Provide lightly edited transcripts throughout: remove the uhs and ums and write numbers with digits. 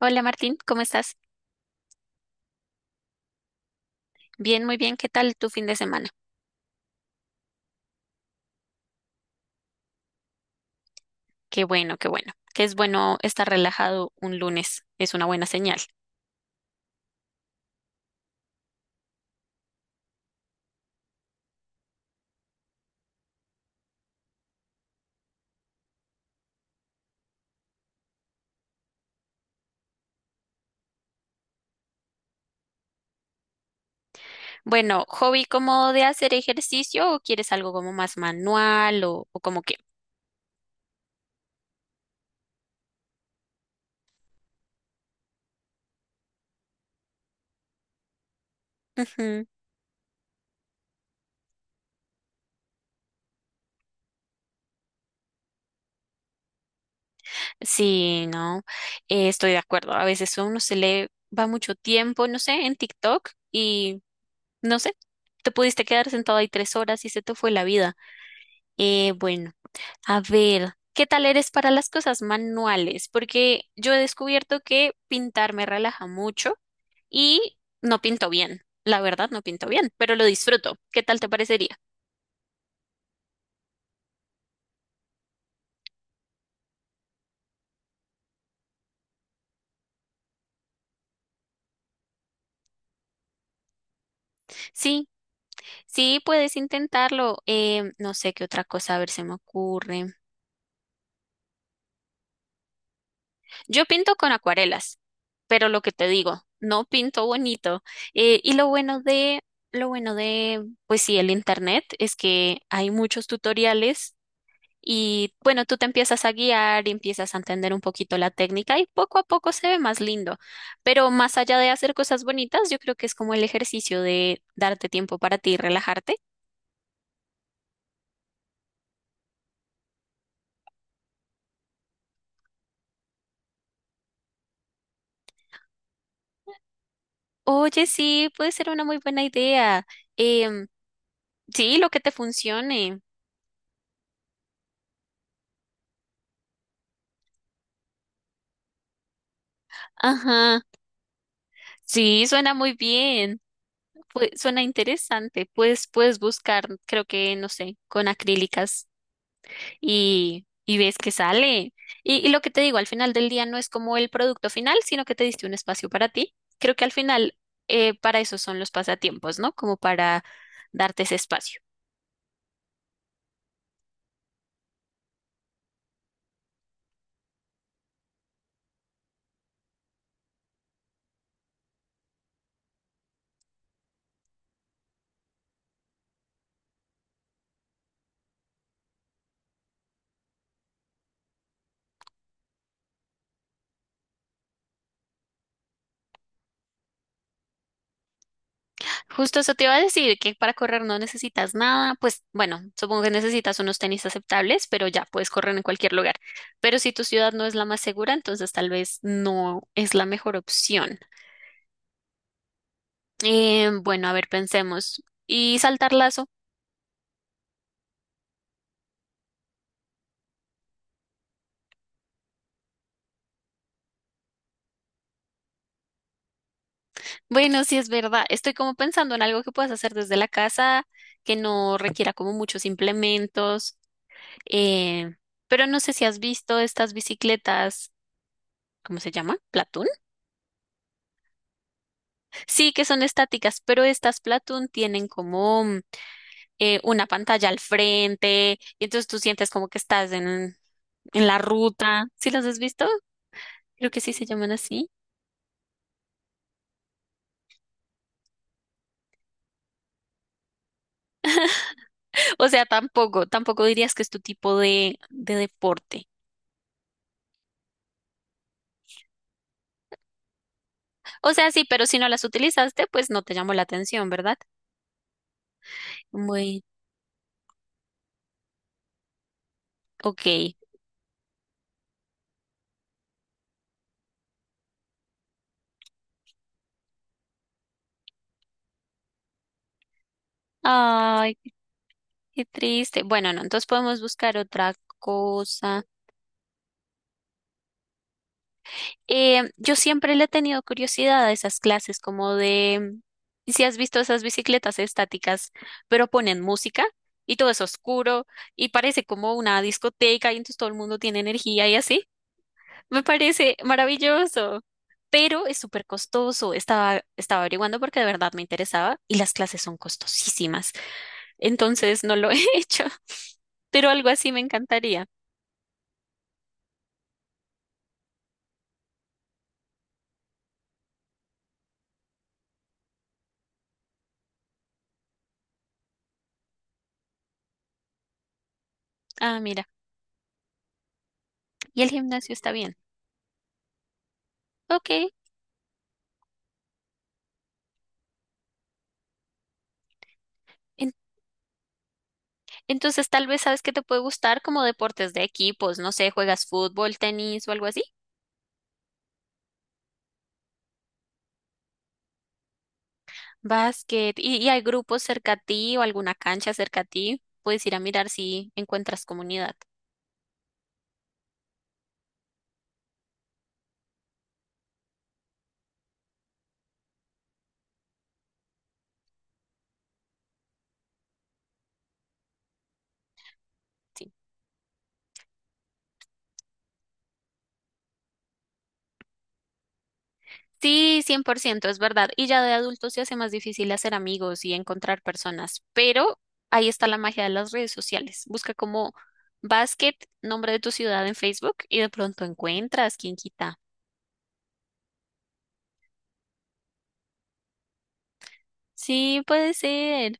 Hola Martín, ¿cómo estás? Bien, muy bien. ¿Qué tal tu fin de semana? Qué bueno, qué bueno. Que es bueno estar relajado un lunes. Es una buena señal. Bueno, ¿hobby como de hacer ejercicio o quieres algo como más manual o como qué? Ujú. Sí, no, estoy de acuerdo. A veces a uno se le va mucho tiempo, no sé, en TikTok y no sé, te pudiste quedar sentado ahí 3 horas y se te fue la vida. Bueno. A ver, ¿qué tal eres para las cosas manuales? Porque yo he descubierto que pintar me relaja mucho y no pinto bien. La verdad, no pinto bien, pero lo disfruto. ¿Qué tal te parecería? Sí, sí, puedes intentarlo. No sé qué otra cosa, a ver, se me ocurre. Yo pinto con acuarelas, pero lo que te digo, no pinto bonito. Y lo bueno de, pues sí, el internet es que hay muchos tutoriales. Y bueno, tú te empiezas a guiar y empiezas a entender un poquito la técnica y poco a poco se ve más lindo. Pero más allá de hacer cosas bonitas, yo creo que es como el ejercicio de darte tiempo para ti y relajarte. Oye, sí, puede ser una muy buena idea. Em, sí, lo que te funcione. Ajá, sí, suena muy bien. Pues, suena interesante. Pues puedes buscar, creo que, no sé, con acrílicas y ves que sale. Y lo que te digo, al final del día no es como el producto final, sino que te diste un espacio para ti. Creo que al final para eso son los pasatiempos, ¿no? Como para darte ese espacio. Justo eso te iba a decir, que para correr no necesitas nada, pues bueno, supongo que necesitas unos tenis aceptables, pero ya puedes correr en cualquier lugar. Pero si tu ciudad no es la más segura, entonces tal vez no es la mejor opción. Bueno, a ver, pensemos. ¿Y saltar lazo? Bueno, sí es verdad. Estoy como pensando en algo que puedas hacer desde la casa, que no requiera como muchos implementos. eh, pero no sé si has visto estas bicicletas, ¿cómo se llama? ¿Platón? Sí, que son estáticas, pero estas Platón tienen como una pantalla al frente y entonces tú sientes como que estás en la ruta. ¿Sí las has visto? Creo que sí se llaman así. O sea, tampoco dirías que es tu tipo de deporte. O sea, sí, pero si no las utilizaste, pues no te llamó la atención, ¿verdad? Muy, ok. Ay, qué triste. Bueno, no, entonces podemos buscar otra cosa. Yo siempre le he tenido curiosidad a esas clases, como de, si has visto esas bicicletas estáticas, pero ponen música y todo es oscuro y parece como una discoteca y entonces todo el mundo tiene energía y así. Me parece maravilloso, pero es súper costoso. Estaba averiguando porque de verdad me interesaba y las clases son costosísimas. Entonces no lo he hecho, pero algo así me encantaría. Ah, mira, y el gimnasio está bien. Ok. en- Entonces tal vez sabes que te puede gustar como deportes de equipos, no sé, juegas fútbol, tenis o algo así, básquet, y hay grupos cerca a ti o alguna cancha cerca a ti, puedes ir a mirar si encuentras comunidad. Sí, 100% es verdad. Y ya de adultos se hace más difícil hacer amigos y encontrar personas, pero ahí está la magia de las redes sociales. Busca como basket, nombre de tu ciudad en Facebook y de pronto encuentras, quién quita. Sí, puede ser.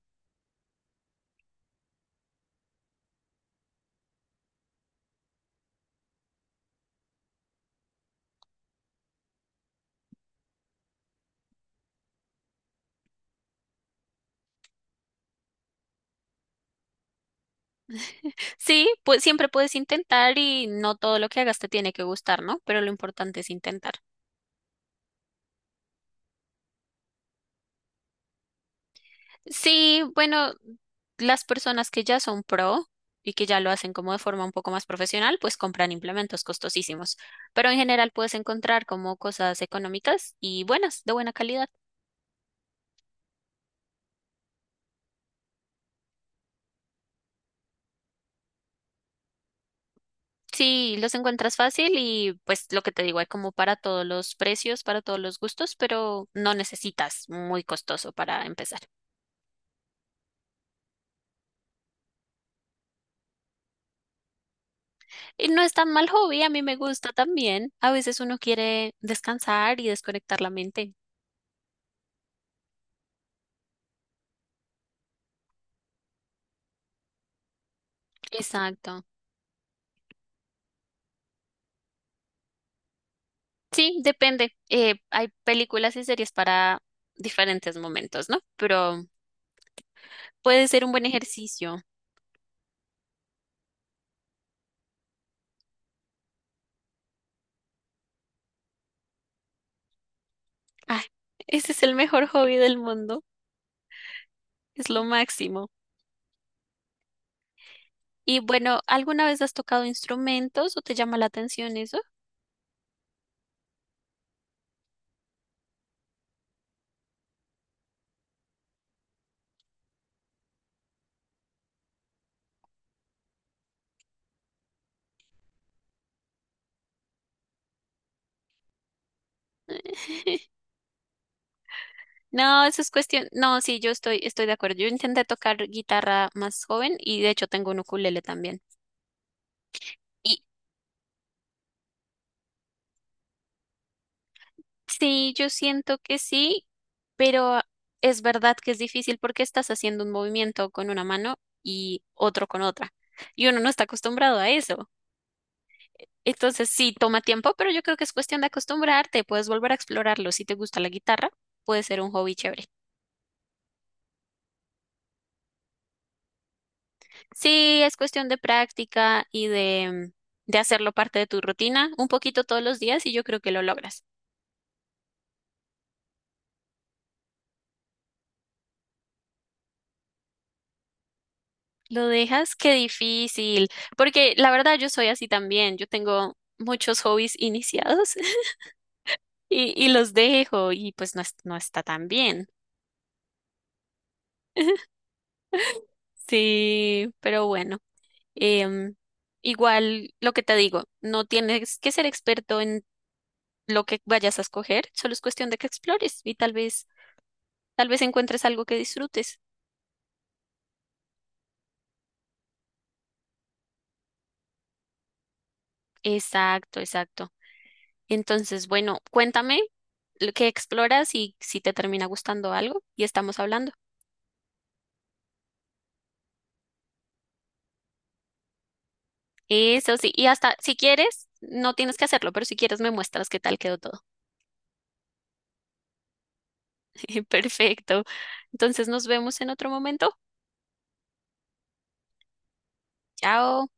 Sí, pues siempre puedes intentar y no todo lo que hagas te tiene que gustar, ¿no? Pero lo importante es intentar. Sí, bueno, las personas que ya son pro y que ya lo hacen como de forma un poco más profesional, pues compran implementos costosísimos. Pero en general puedes encontrar como cosas económicas y buenas, de buena calidad. Sí, los encuentras fácil y pues lo que te digo, hay como para todos los precios, para todos los gustos, pero no necesitas muy costoso para empezar. Y no es tan mal hobby, a mí me gusta también. A veces uno quiere descansar y desconectar la mente. Exacto. Sí, depende. Hay películas y series para diferentes momentos, ¿no? Pero puede ser un buen ejercicio. Ay, ese es el mejor hobby del mundo. Es lo máximo. Y bueno, ¿alguna vez has tocado instrumentos o te llama la atención eso? No, eso es cuestión. No, sí, estoy de acuerdo. Yo intenté tocar guitarra más joven y de hecho tengo un ukulele también. Y sí, yo siento que sí, pero es verdad que es difícil porque estás haciendo un movimiento con una mano y otro con otra. Y uno no está acostumbrado a eso. Entonces sí, toma tiempo, pero yo creo que es cuestión de acostumbrarte. Puedes volver a explorarlo. Si te gusta la guitarra, puede ser un hobby chévere. Sí, es cuestión de práctica de hacerlo parte de tu rutina un poquito todos los días y yo creo que lo logras. Lo dejas, qué difícil, porque la verdad yo soy así también, yo tengo muchos hobbies iniciados. Y los dejo y pues no, no está tan bien. Sí, pero bueno, em, igual lo que te digo, no tienes que ser experto en lo que vayas a escoger, solo es cuestión de que explores y tal vez encuentres algo que disfrutes. Exacto, exacto. Entonces, bueno, cuéntame lo que exploras y si te termina gustando algo y estamos hablando. Eso sí, y hasta si quieres, no tienes que hacerlo, pero si quieres me muestras qué tal quedó todo. Perfecto. Entonces nos vemos en otro momento. Chao.